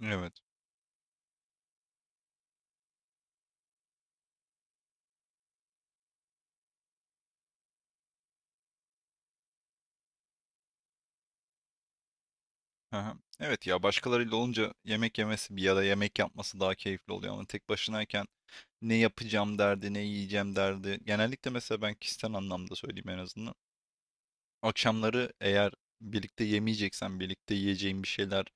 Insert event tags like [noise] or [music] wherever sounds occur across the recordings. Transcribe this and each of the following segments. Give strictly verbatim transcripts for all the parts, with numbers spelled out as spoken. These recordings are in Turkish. Evet. Aha. Evet ya başkalarıyla olunca yemek yemesi bir ya da yemek yapması daha keyifli oluyor ama tek başınayken ne yapacağım derdi, ne yiyeceğim derdi. Genellikle mesela ben kişisel anlamda söyleyeyim en azından. Akşamları eğer birlikte yemeyeceksen, birlikte yiyeceğin bir şeyler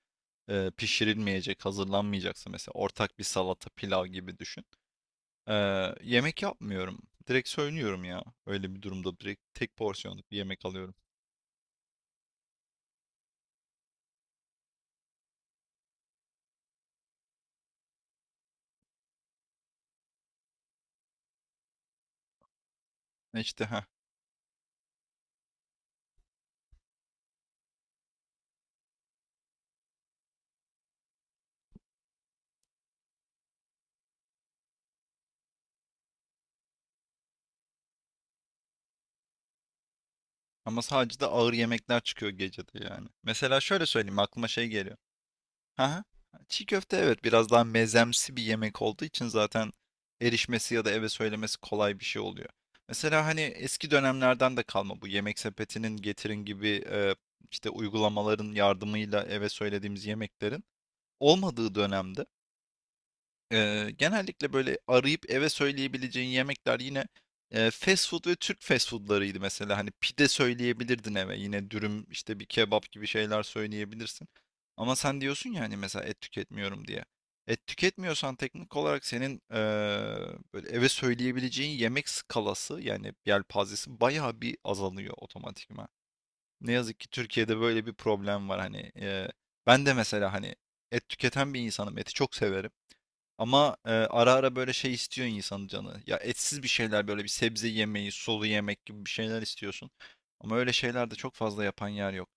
e, pişirilmeyecek, hazırlanmayacaksa mesela ortak bir salata, pilav gibi düşün. E, Yemek yapmıyorum. Direkt söylüyorum ya. Öyle bir durumda direkt tek porsiyonluk bir yemek alıyorum. E, İşte ha Ama sadece de ağır yemekler çıkıyor gecede yani. Mesela şöyle söyleyeyim aklıma şey geliyor. Aha. Çiğ köfte evet biraz daha mezemsi bir yemek olduğu için zaten erişmesi ya da eve söylemesi kolay bir şey oluyor. Mesela hani eski dönemlerden de kalma bu yemek sepetinin getirin gibi e, işte uygulamaların yardımıyla eve söylediğimiz yemeklerin olmadığı dönemde Eee, genellikle böyle arayıp eve söyleyebileceğin yemekler yine, eee, fast food ve Türk fast food'larıydı mesela. Hani pide söyleyebilirdin eve. Yine dürüm, işte bir kebap gibi şeyler söyleyebilirsin. Ama sen diyorsun ya hani mesela et tüketmiyorum diye. Et tüketmiyorsan teknik olarak senin, eee, böyle eve söyleyebileceğin yemek skalası yani yelpazesi bayağı bir azalıyor otomatikman. Ne yazık ki Türkiye'de böyle bir problem var hani. Eee, ben de mesela hani et tüketen bir insanım. Eti çok severim. Ama e, ara ara böyle şey istiyor insanın canı. Ya etsiz bir şeyler böyle bir sebze yemeği, sulu yemek gibi bir şeyler istiyorsun. Ama öyle şeyler de çok fazla yapan yer yok.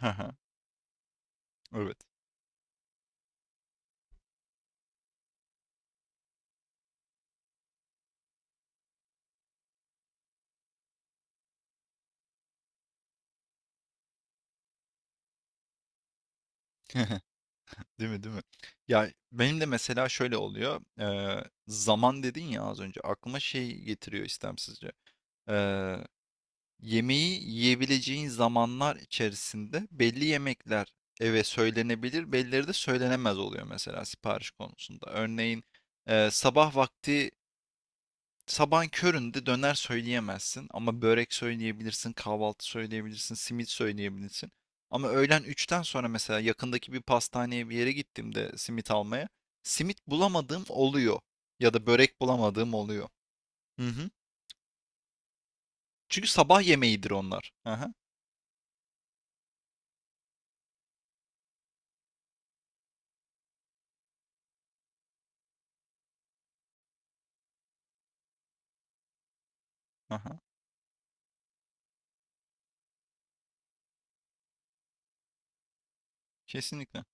[laughs] Haha. Evet. [laughs] Değil mi, değil mi? Ya benim de mesela şöyle oluyor. Eee, zaman dedin ya az önce. Aklıma şey getiriyor istemsizce. Eee, Yemeği yiyebileceğin zamanlar içerisinde belli yemekler eve söylenebilir, bellileri de söylenemez oluyor mesela sipariş konusunda. Örneğin eee, sabah vakti sabahın köründe döner söyleyemezsin ama börek söyleyebilirsin, kahvaltı söyleyebilirsin, simit söyleyebilirsin. Ama öğlen üçten sonra mesela yakındaki bir pastaneye bir yere gittiğimde simit almaya, simit bulamadığım oluyor ya da börek bulamadığım oluyor. Hı hı. Çünkü sabah yemeğidir onlar. Aha, aha. Kesinlikle.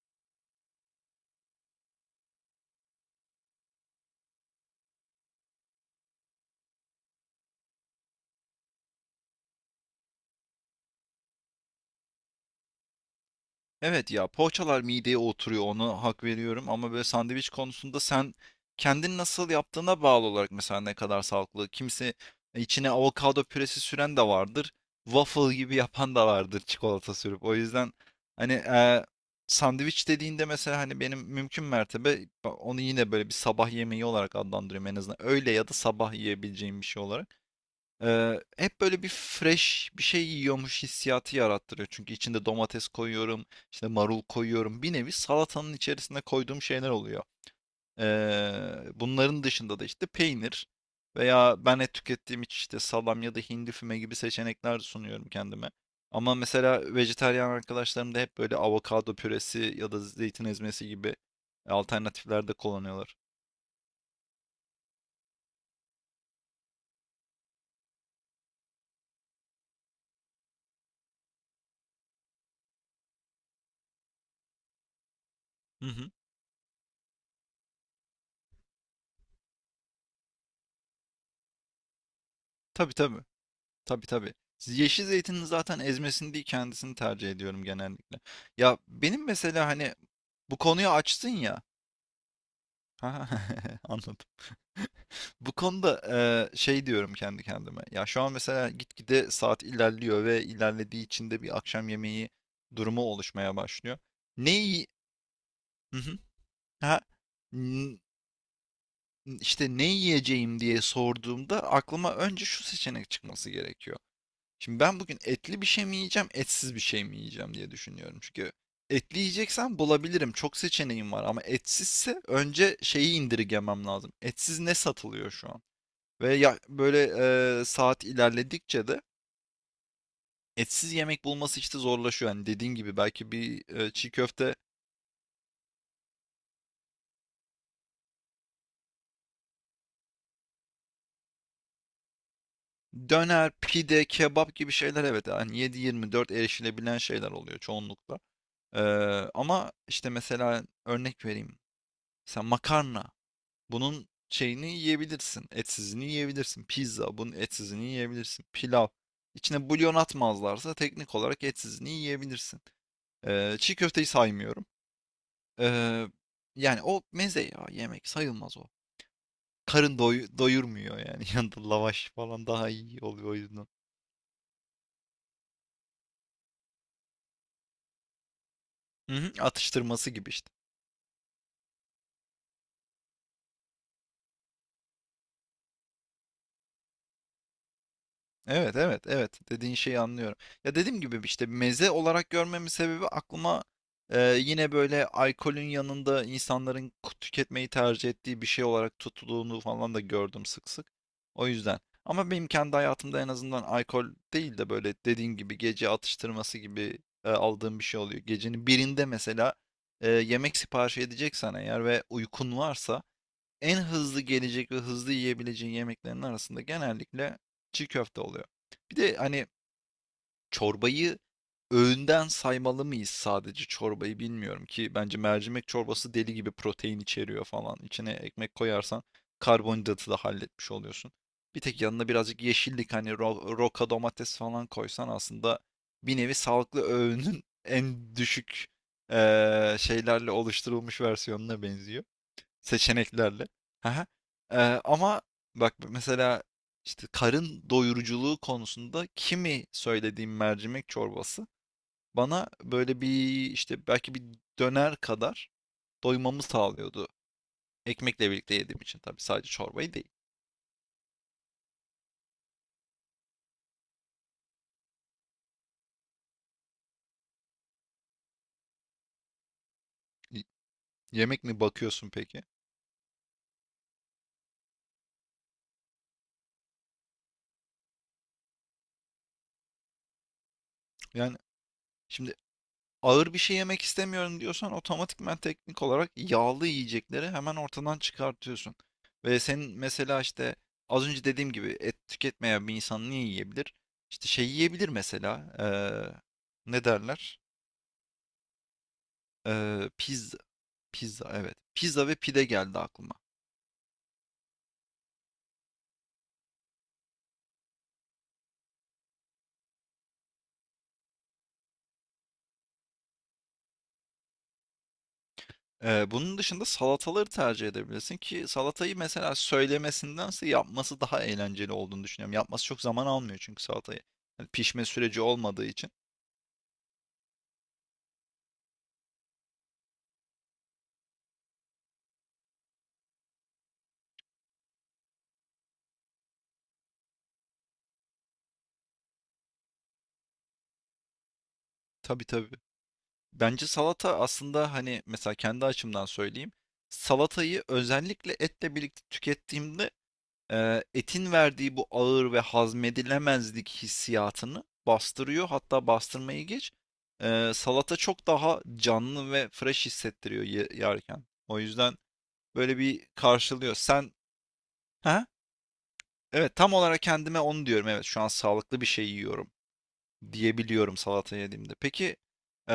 Evet ya poğaçalar mideye oturuyor ona hak veriyorum ama böyle sandviç konusunda sen kendin nasıl yaptığına bağlı olarak mesela ne kadar sağlıklı. Kimse içine avokado püresi süren de vardır. Waffle gibi yapan da vardır çikolata sürüp. O yüzden hani e, sandviç dediğinde mesela hani benim mümkün mertebe onu yine böyle bir sabah yemeği olarak adlandırıyorum en azından. Öğle ya da sabah yiyebileceğim bir şey olarak. Eee, hep böyle bir fresh bir şey yiyormuş hissiyatı yarattırıyor. Çünkü içinde domates koyuyorum, işte marul koyuyorum. Bir nevi salatanın içerisine koyduğum şeyler oluyor. Eee, bunların dışında da işte peynir veya ben et tükettiğim için işte salam ya da hindi füme gibi seçenekler sunuyorum kendime. Ama mesela vejetaryen arkadaşlarım da hep böyle avokado püresi ya da zeytin ezmesi gibi alternatifler de kullanıyorlar. Hı hı. Tabii tabii. Tabii tabii. Yeşil zeytinin zaten ezmesini değil kendisini tercih ediyorum genellikle. Ya benim mesela hani bu konuyu açtın ya. [laughs] Ha. Anladım. [laughs] Bu konuda eee, şey diyorum kendi kendime. Ya şu an mesela gitgide saat ilerliyor ve ilerlediği için de bir akşam yemeği durumu oluşmaya başlıyor. Ne yi- Hı hı. Ha, n- işte ne yiyeceğim diye sorduğumda aklıma önce şu seçenek çıkması gerekiyor. Şimdi ben bugün etli bir şey mi yiyeceğim, etsiz bir şey mi yiyeceğim diye düşünüyorum. Çünkü etli yiyeceksem bulabilirim. Çok seçeneğim var ama etsizse önce şeyi indirgemem lazım. Etsiz ne satılıyor şu an? Ve ya böyle e, saat ilerledikçe de etsiz yemek bulması işte zorlaşıyor. Yani dediğin gibi belki bir e, çiğ köfte, döner, pide, kebap gibi şeyler evet yani yedi yirmi dört erişilebilen şeyler oluyor çoğunlukla. E, Ama işte mesela örnek vereyim. Mesela makarna. Bunun şeyini yiyebilirsin. Etsizini yiyebilirsin. Pizza bunun etsizini yiyebilirsin. Pilav. İçine bulyon atmazlarsa teknik olarak etsizini yiyebilirsin. Ee, çiğ köfteyi saymıyorum. Ee, Yani o meze ya yemek sayılmaz o. Karın doyu- doyurmuyor yani. [laughs] Yanında lavaş falan daha iyi oluyor o yüzden. Hı hı, atıştırması gibi işte. Evet, evet, evet. Dediğin şeyi anlıyorum. Ya dediğim gibi işte meze olarak görmemin sebebi aklıma e, yine böyle alkolün yanında insanların ku- tüketmeyi tercih ettiği bir şey olarak tutulduğunu falan da gördüm sık sık. O yüzden. Ama benim kendi hayatımda en azından alkol değil de böyle dediğim gibi gece atıştırması gibi e, aldığım bir şey oluyor. Gecenin birinde mesela e, yemek sipariş edeceksen eğer ve uykun varsa en hızlı gelecek ve hızlı yiyebileceğin yemeklerin arasında genellikle çiğ köfte oluyor. Bir de hani çorbayı öğünden saymalı mıyız sadece çorbayı bilmiyorum ki bence mercimek çorbası deli gibi protein içeriyor falan. İçine ekmek koyarsan karbonhidratı da halletmiş oluyorsun. Bir tek yanına birazcık yeşillik hani ro- roka domates falan koysan aslında bir nevi sağlıklı öğünün [laughs] en düşük eee, şeylerle oluşturulmuş versiyonuna benziyor seçeneklerle. Haha. Eee, ama bak mesela işte karın doyuruculuğu konusunda kimi söylediğim mercimek çorbası bana böyle bir işte belki bir döner kadar doymamı sağlıyordu. Ekmekle birlikte yediğim için tabii sadece çorbayı değil. Y- Yemek mi bakıyorsun peki? Yani şimdi ağır bir şey yemek istemiyorum diyorsan otomatikman teknik olarak yağlı yiyecekleri hemen ortadan çıkartıyorsun. Ve senin mesela işte az önce dediğim gibi et tüketmeyen bir insan ne yiyebilir? İşte şey yiyebilir mesela eee, ne derler? Eee, pizza, pizza evet. Pizza ve pide geldi aklıma. Ee, bunun dışında salataları tercih edebilirsin ki salatayı mesela söylemesindense yapması daha eğlenceli olduğunu düşünüyorum. Yapması çok zaman almıyor çünkü salatayı. Hani pişme süreci olmadığı için. Tabii tabii. Bence salata aslında hani mesela kendi açımdan söyleyeyim. Salatayı özellikle etle birlikte tükettiğimde e, etin verdiği bu ağır ve hazmedilemezlik hissiyatını bastırıyor. Hatta bastırmayı geç. E, salata çok daha canlı ve fresh hissettiriyor ye- yerken. O yüzden böyle bir karşılıyor. Sen ha? Evet tam olarak kendime onu diyorum. Evet şu an sağlıklı bir şey yiyorum diyebiliyorum salata yediğimde. Peki eee,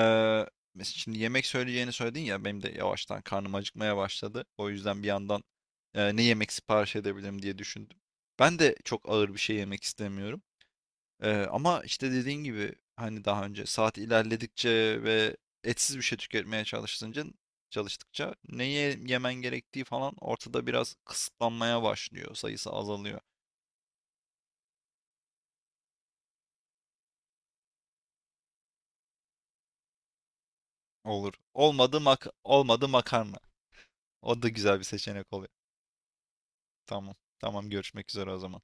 mes- şimdi yemek söyleyeceğini söyledin ya benim de yavaştan karnım acıkmaya başladı. O yüzden bir yandan eee, ne yemek sipariş edebilirim diye düşündüm. Ben de çok ağır bir şey yemek istemiyorum. Eee, ama işte dediğin gibi hani daha önce saat ilerledikçe ve etsiz bir şey tüketmeye çalışınca çalıştıkça neye yemen gerektiği falan ortada biraz kısıtlanmaya başlıyor. Sayısı azalıyor. Olur. Olmadı mak olmadı makarna. O da güzel bir seçenek oluyor. Tamam. Tamam görüşmek üzere o zaman.